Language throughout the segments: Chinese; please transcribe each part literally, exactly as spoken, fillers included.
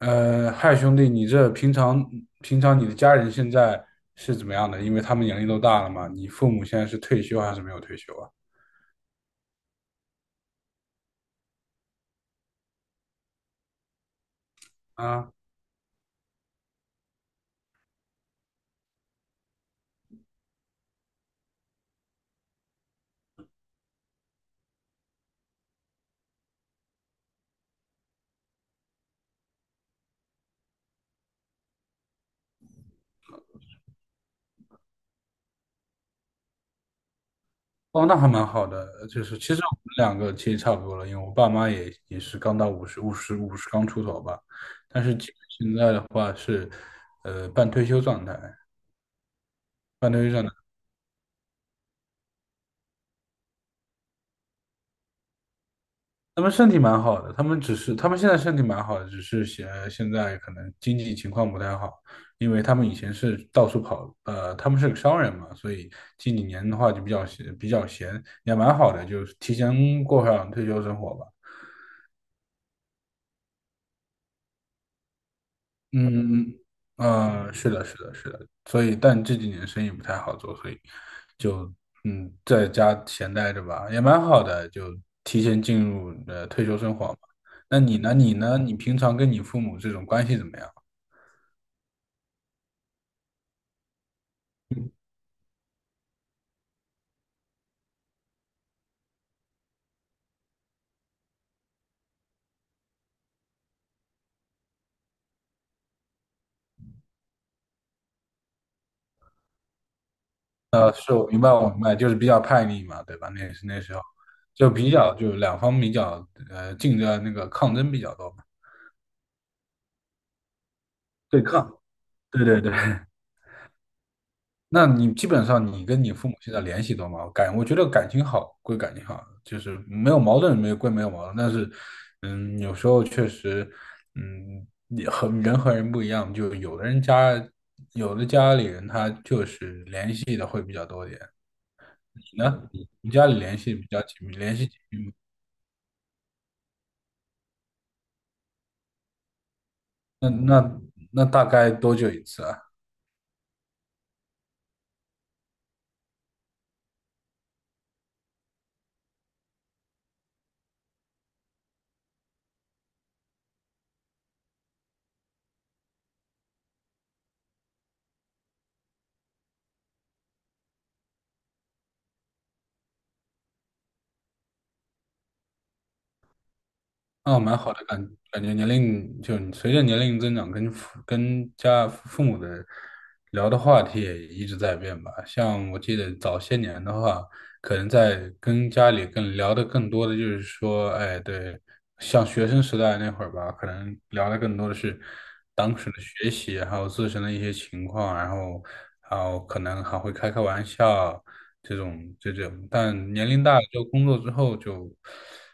呃，嗨，兄弟，你这平常平常你的家人现在是怎么样的？因为他们年龄都大了嘛，你父母现在是退休还是没有退休啊？啊，哦，那还蛮好的，就是其实我们两个其实差不多了，因为我爸妈也也是刚到五十五十五十刚出头吧，但是基本现在的话是，呃，半退休状态，半退休状态。他们身体蛮好的，他们只是他们现在身体蛮好的，只是现现在可能经济情况不太好，因为他们以前是到处跑，呃，他们是个商人嘛，所以近几年的话就比较闲比较闲，也蛮好的，就是提前过上退休生活吧。嗯，呃，是的，是的，是的，所以，但这几年生意不太好做，所以就嗯，在家闲待着吧，也蛮好的，就提前进入呃退休生活嘛。那你呢？你呢？你平常跟你父母这种关系怎么样？呃，是我明白，我明白，就是比较叛逆嘛，对吧？那是那时候就比较就两方比较呃竞争那个抗争比较多嘛，对抗，对对对。那你基本上你跟你父母现在联系多吗？感我觉得感情好归感情好，就是没有矛盾没有归没有矛盾，但是嗯，有时候确实嗯，也和人和人不一样，就有的人家有的家里人他就是联系的会比较多一点。你呢？你家里联系比较紧密，联系紧密那那那大概多久一次啊？哦，蛮好的感感觉，年龄就随着年龄增长跟，父跟家父母的聊的话题也一直在变吧。像我记得早些年的话，可能在跟家里更聊的更多的就是说，哎，对，像学生时代那会儿吧，可能聊的更多的是当时的学习，还有自身的一些情况，然后，然后可能还会开开玩笑，这种这种，但年龄大了之后，工作之后就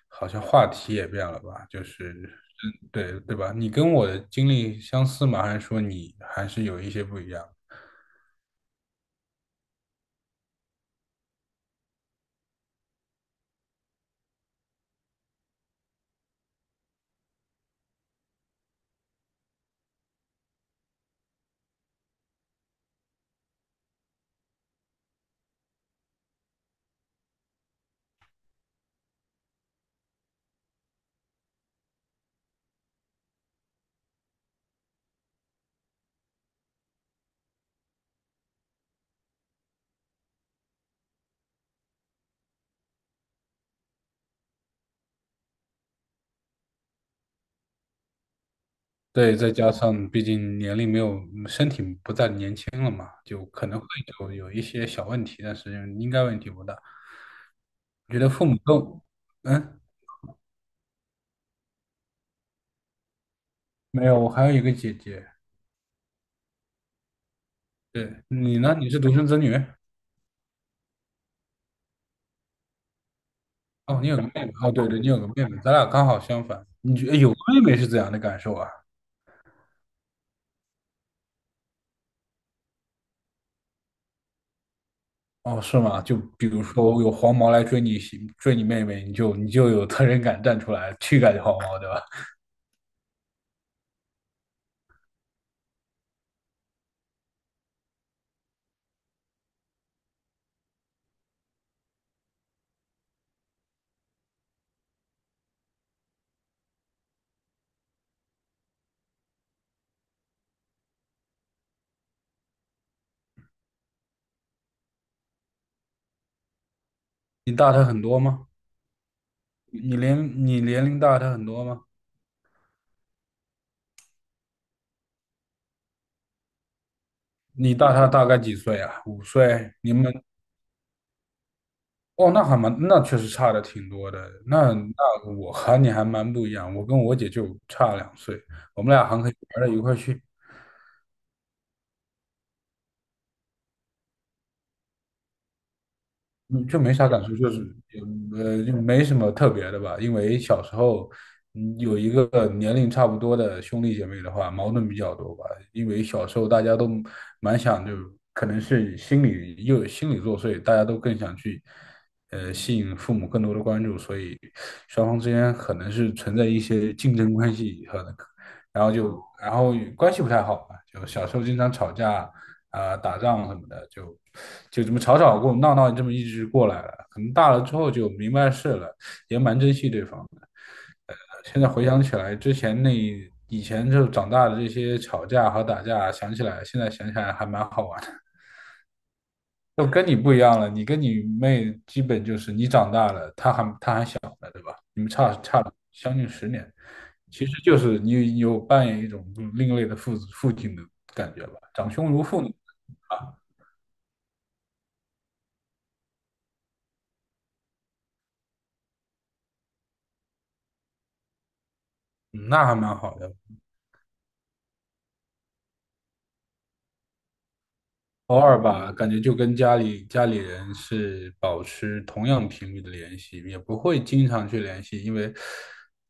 好像话题也变了吧，就是嗯，对对吧？你跟我的经历相似吗？还是说你还是有一些不一样？对，再加上毕竟年龄没有，身体不再年轻了嘛，就可能会有有一些小问题，但是应该问题不大。我觉得父母都，嗯，没有，我还有一个姐姐。对，你呢？你是独生子女？哦，你有个妹妹，哦，对对，你有个妹妹，咱俩刚好相反。你觉有个妹妹是怎样的感受啊？哦，是吗？就比如说有黄毛来追你喜，追你妹妹，你就你就有责任感站出来去赶黄毛，对吧？你大他很多吗？你年你年龄大他很多吗？你大他大概几岁啊？五岁？你们哦，那还蛮，那确实差的挺多的。那那我和你还蛮不一样，我跟我姐就差两岁，我们俩还可以玩到一块儿去。嗯，就没啥感触，就是也呃，就没什么特别的吧。因为小时候，嗯，有一个年龄差不多的兄弟姐妹的话，矛盾比较多吧。因为小时候大家都蛮想，就可能是心理又有心理作祟，大家都更想去，呃，吸引父母更多的关注，所以双方之间可能是存在一些竞争关系和，然后就然后关系不太好吧，就小时候经常吵架、啊、打仗什么的，就就这么吵吵过闹闹，这么一直过来了。可能大了之后就明白事了，也蛮珍惜对方的。呃现在回想起来，之前那以前就长大的这些吵架和打架，想起来现在想起来还蛮好玩的。就跟你不一样了，你跟你妹基本就是你长大了，她还她还小，将近十年。其实就是你有扮演一种另类的父子父亲的感觉吧，长兄如父啊，嗯，那还蛮好的。偶尔吧，感觉就跟家里家里人是保持同样频率的联系，也不会经常去联系，因为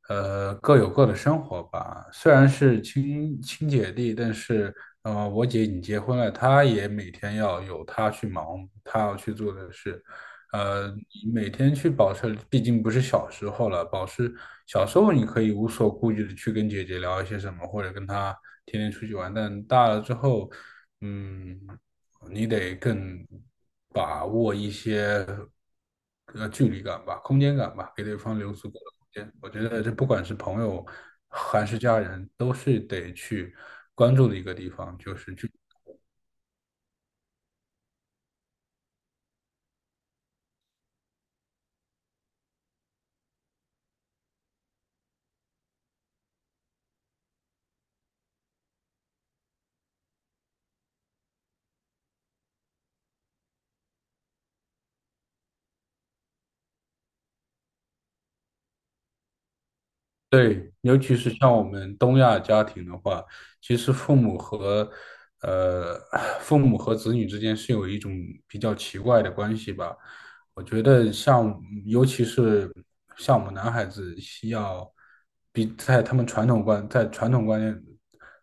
呃各有各的生活吧。虽然是亲亲姐弟，但是呃我姐已经结婚了，她也每天要有她去忙，她要去做的事，呃，你每天去保持，毕竟不是小时候了，保持小时候你可以无所顾忌的去跟姐姐聊一些什么，或者跟她天天出去玩，但大了之后，嗯，你得更把握一些呃距离感吧，空间感吧，给对方留足够的空间。我觉得这不管是朋友还是家人，都是得去关注的一个地方，就是距离。对，尤其是像我们东亚家庭的话，其实父母和呃父母和子女之间是有一种比较奇怪的关系吧。我觉得像，尤其是像我们男孩子，需要比在他们传统观，在传统观念，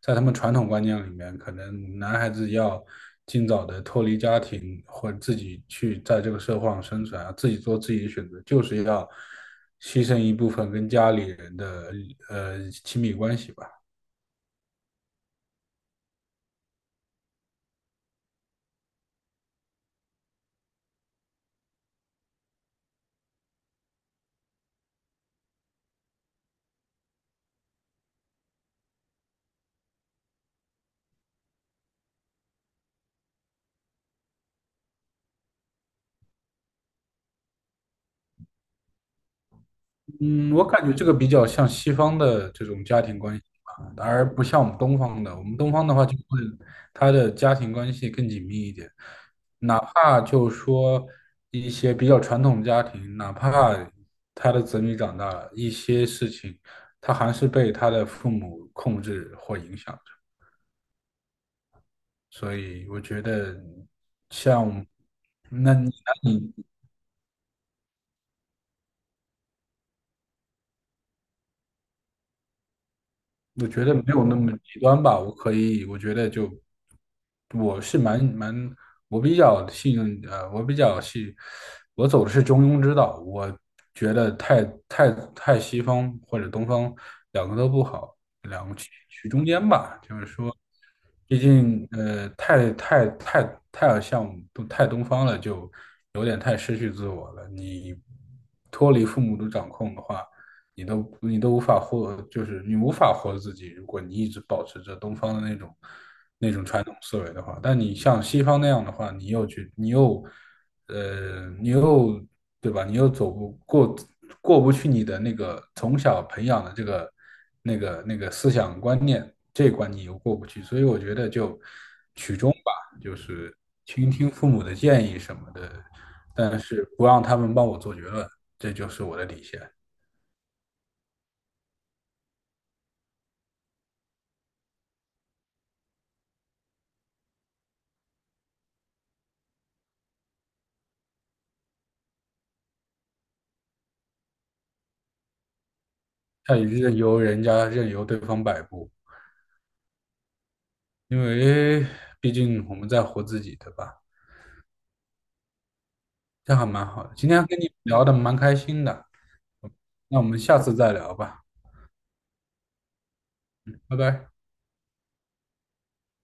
在他们传统观念里面，可能男孩子要尽早的脱离家庭，或者自己去在这个社会上生存啊，自己做自己的选择，就是要牺牲一部分跟家里人的呃亲密关系吧。嗯，我感觉这个比较像西方的这种家庭关系吧，而不像我们东方的。我们东方的话，就会他的家庭关系更紧密一点，哪怕就说一些比较传统的家庭，哪怕他的子女长大了，一些事情他还是被他的父母控制或影响着。所以我觉得像，你。我觉得没有那么极端吧，我可以，我觉得就我是蛮蛮，我比较信任，呃，我比较信，我走的是中庸之道，我觉得太太太西方或者东方两个都不好，两个取取中间吧，就是说，毕竟呃，太太太太像东太东方了，就有点太失去自我了，你脱离父母的掌控的话。你都你都无法获，就是你无法活自己。如果你一直保持着东方的那种那种传统思维的话，但你像西方那样的话，你又去，你又呃，你又对吧？你又走不过过不去你的那个从小培养的这个那个那个思想观念这一关，你又过不去。所以我觉得就取中吧，就是倾听父母的建议什么的，但是不让他们帮我做决论，这就是我的底线。他也任由人家任由对方摆布，因为毕竟我们在活自己，对吧？这样还蛮好的。今天跟你聊的蛮开心的，那我们下次再聊吧，拜拜。